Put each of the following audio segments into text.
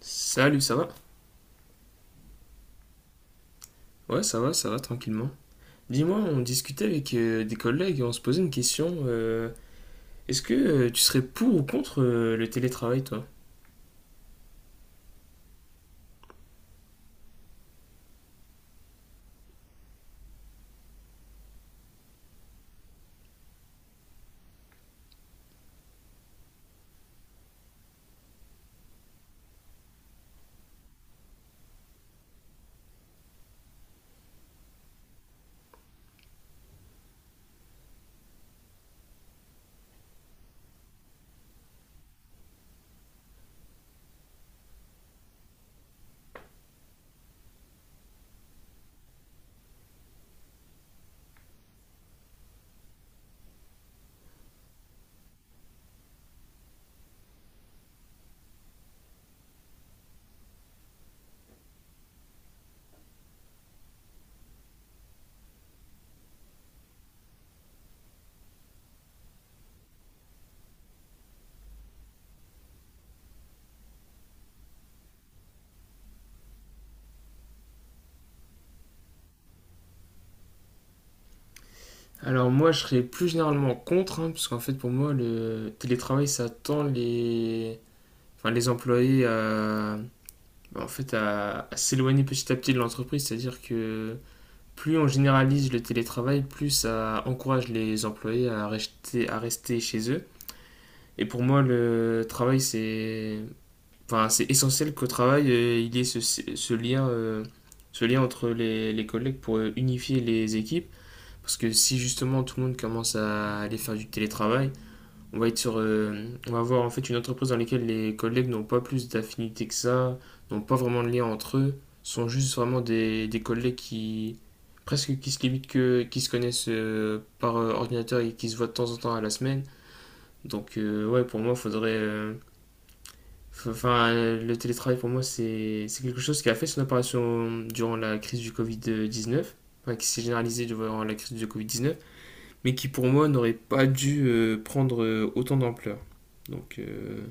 Salut, ça va? Ouais, ça va, tranquillement. Dis-moi, on discutait avec des collègues et on se posait une question. Est-ce que tu serais pour ou contre le télétravail, toi? Alors moi, je serais plus généralement contre, hein, parce qu'en fait, pour moi, le télétravail, ça tend les employés à, à s'éloigner petit à petit de l'entreprise. C'est-à-dire que plus on généralise le télétravail, plus ça encourage les employés à rester chez eux. Et pour moi, le travail, c'est essentiel qu'au travail, il y ait ce lien entre les collègues pour unifier les équipes. Parce que si justement tout le monde commence à aller faire du télétravail, on va avoir en fait une entreprise dans laquelle les collègues n'ont pas plus d'affinité que ça, n'ont pas vraiment de lien entre eux, sont juste vraiment des collègues qui presque qui se limitent que, qui se connaissent par ordinateur et qui se voient de temps en temps à la semaine. Pour moi, le télétravail pour moi, c'est quelque chose qui a fait son apparition durant la crise du Covid-19, enfin, qui s'est généralisée durant la crise du Covid-19, mais qui pour moi n'aurait pas dû prendre autant d'ampleur. Donc, euh,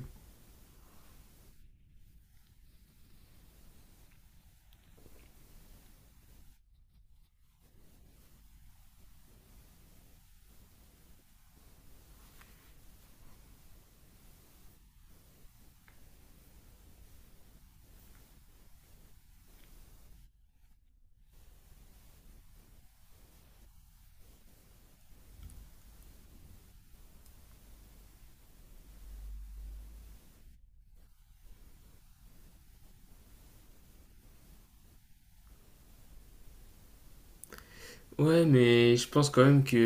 ouais, mais je pense quand même que,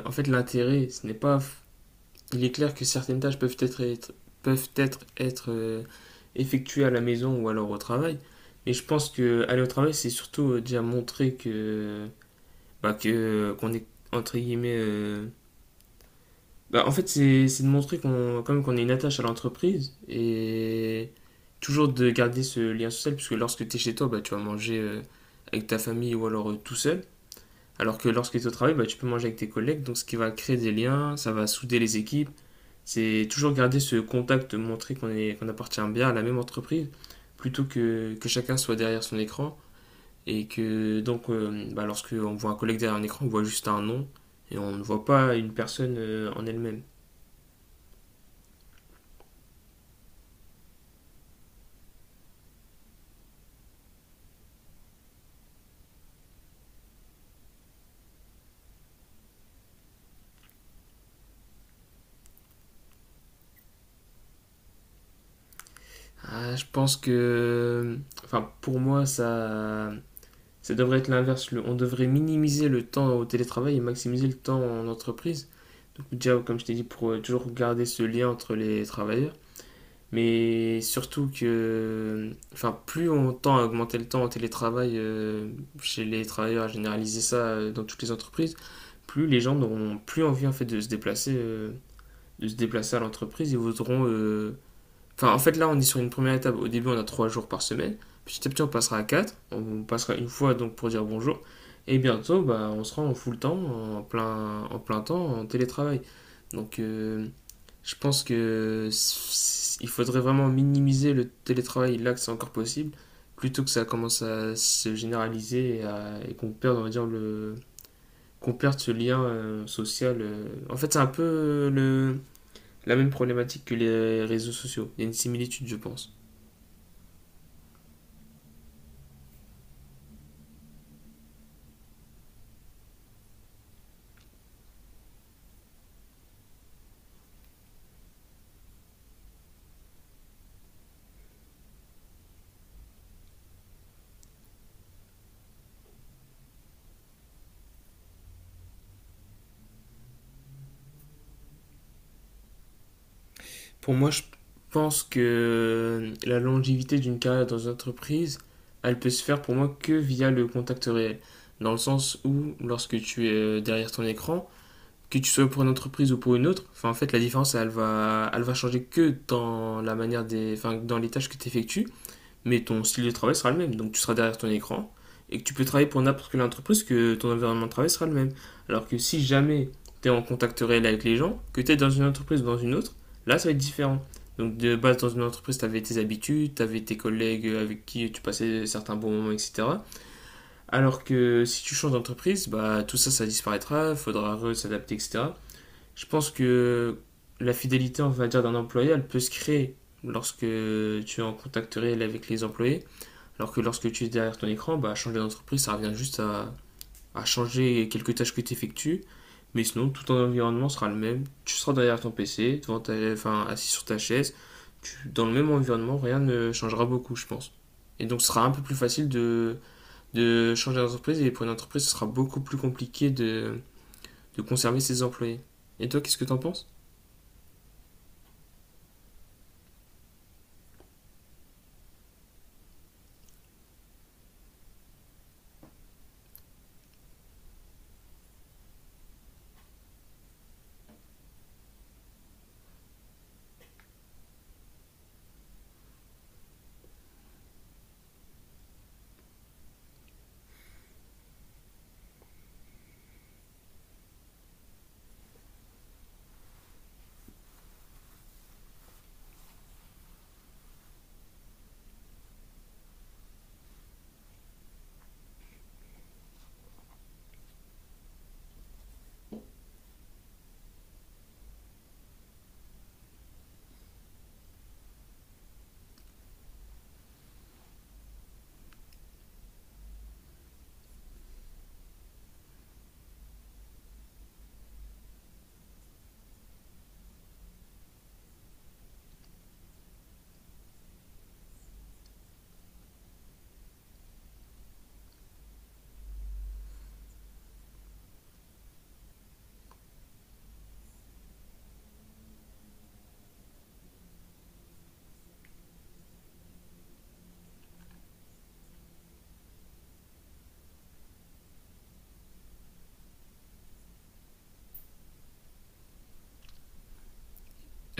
en fait, l'intérêt, ce n'est pas. Il est clair que certaines tâches peuvent peuvent être effectuées à la maison ou alors au travail, mais je pense que aller au travail, c'est surtout déjà montrer que qu'on est entre guillemets, bah, en fait c'est de montrer qu'on quand même qu'on est une attache à l'entreprise et toujours de garder ce lien social puisque lorsque tu es chez toi, bah, tu vas manger avec ta famille ou alors tout seul, alors que lorsque tu es au travail, bah, tu peux manger avec tes collègues, donc ce qui va créer des liens, ça va souder les équipes, c'est toujours garder ce contact, montrer qu'on est, qu'on appartient bien à la même entreprise, plutôt que chacun soit derrière son écran. Et que donc, lorsqu'on voit un collègue derrière un écran, on voit juste un nom et on ne voit pas une personne en elle-même. Ah, je pense que, enfin, pour moi, ça devrait être l'inverse. On devrait minimiser le temps au télétravail et maximiser le temps en entreprise. Donc déjà, comme je t'ai dit, pour toujours garder ce lien entre les travailleurs. Mais surtout que, enfin, plus on tend à augmenter le temps au télétravail chez les travailleurs, à généraliser ça dans toutes les entreprises, plus les gens n'auront plus envie en fait de se déplacer à l'entreprise. Ils voudront. Enfin, en fait, Là, on est sur une première étape. Au début, on a 3 jours par semaine. Petit à petit, on passera à quatre. On passera une fois donc pour dire bonjour. Et bientôt, bah, on sera en full temps, en plein temps, en télétravail. Donc, euh, je pense que il faudrait vraiment minimiser le télétravail là que c'est encore possible, plutôt que ça commence à se généraliser et qu'on perde, on va dire, qu'on perde ce lien social. En fait, c'est un peu la même problématique que les réseaux sociaux. Il y a une similitude, je pense. Pour moi, je pense que la longévité d'une carrière dans une entreprise, elle peut se faire pour moi que via le contact réel. Dans le sens où, lorsque tu es derrière ton écran, que tu sois pour une entreprise ou pour une autre, enfin, en fait, la différence, elle va changer que dans la manière dans les tâches que tu effectues, mais ton style de travail sera le même. Donc tu seras derrière ton écran et que tu peux travailler pour n'importe quelle entreprise, que ton environnement de travail sera le même. Alors que si jamais tu es en contact réel avec les gens, que tu es dans une entreprise ou dans une autre, là ça va être différent. Donc de base dans une entreprise, tu avais tes habitudes, tu avais tes collègues avec qui tu passais certains bons moments, etc. Alors que si tu changes d'entreprise, bah, tout ça, ça disparaîtra, il faudra s'adapter, etc. Je pense que la fidélité, on va dire, d'un employé, elle peut se créer lorsque tu es en contact réel avec les employés. Alors que lorsque tu es derrière ton écran, bah, changer d'entreprise, ça revient juste à changer quelques tâches que tu effectues. Mais sinon, tout ton environnement sera le même. Tu seras derrière ton PC, devant assis sur ta chaise. Dans le même environnement, rien ne changera beaucoup, je pense. Et donc, ce sera un peu plus facile de changer d'entreprise. Et pour une entreprise, ce sera beaucoup plus compliqué de conserver ses employés. Et toi, qu'est-ce que t'en penses?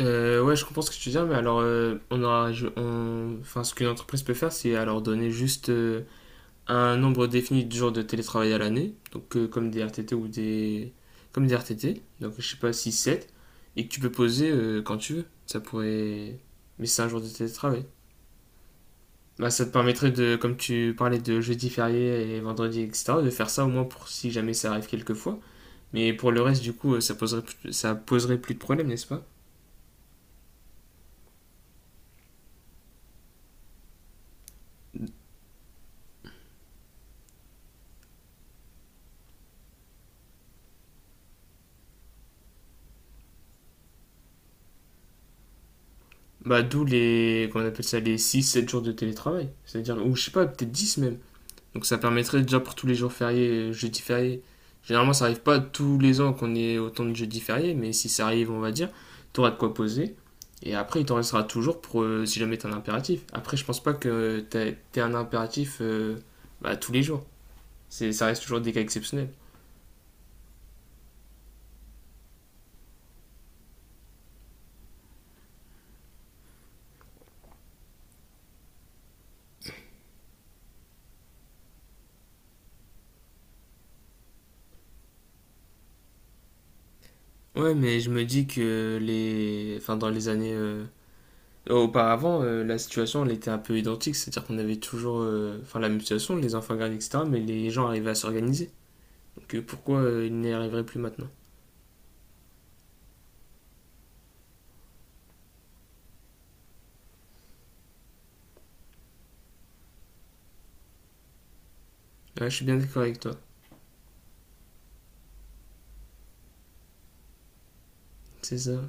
Ouais, je comprends ce que tu dis, mais alors, on aura, je- on- enfin, ce qu'une entreprise peut faire, c'est alors donner juste un nombre défini de jours de télétravail à l'année, comme des RTT donc je sais pas 6 7, et que tu peux poser quand tu veux. Ça pourrait Mais c'est un jour de télétravail. Bah, ça te permettrait, de comme tu parlais de jeudi férié et vendredi etc, de faire ça au moins pour si jamais ça arrive quelquefois. Mais pour le reste ça poserait, ça poserait plus de problème, n'est-ce pas? Bah d'où les qu'on appelle ça les 6 7 jours de télétravail, c'est-à-dire, ou je sais pas, peut-être 10 même. Donc ça permettrait déjà pour tous les jours fériés, jeudi férié. Généralement, ça arrive pas tous les ans qu'on ait autant de jeudi fériés, mais si ça arrive, on va dire, tu auras de quoi poser. Et après, il t'en restera toujours pour si jamais t'as un impératif. Après, je pense pas que t'aies un impératif bah, tous les jours. Ça reste toujours des cas exceptionnels. Ouais, mais je me dis que dans les années auparavant, la situation elle était un peu identique. C'est-à-dire qu'on avait toujours la même situation, les enfants gardes, etc. Mais les gens arrivaient à s'organiser. Que pourquoi il n'y arriverait plus maintenant. Ouais, je suis bien d'accord avec toi. C'est ça.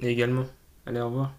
Et également. Allez, au revoir.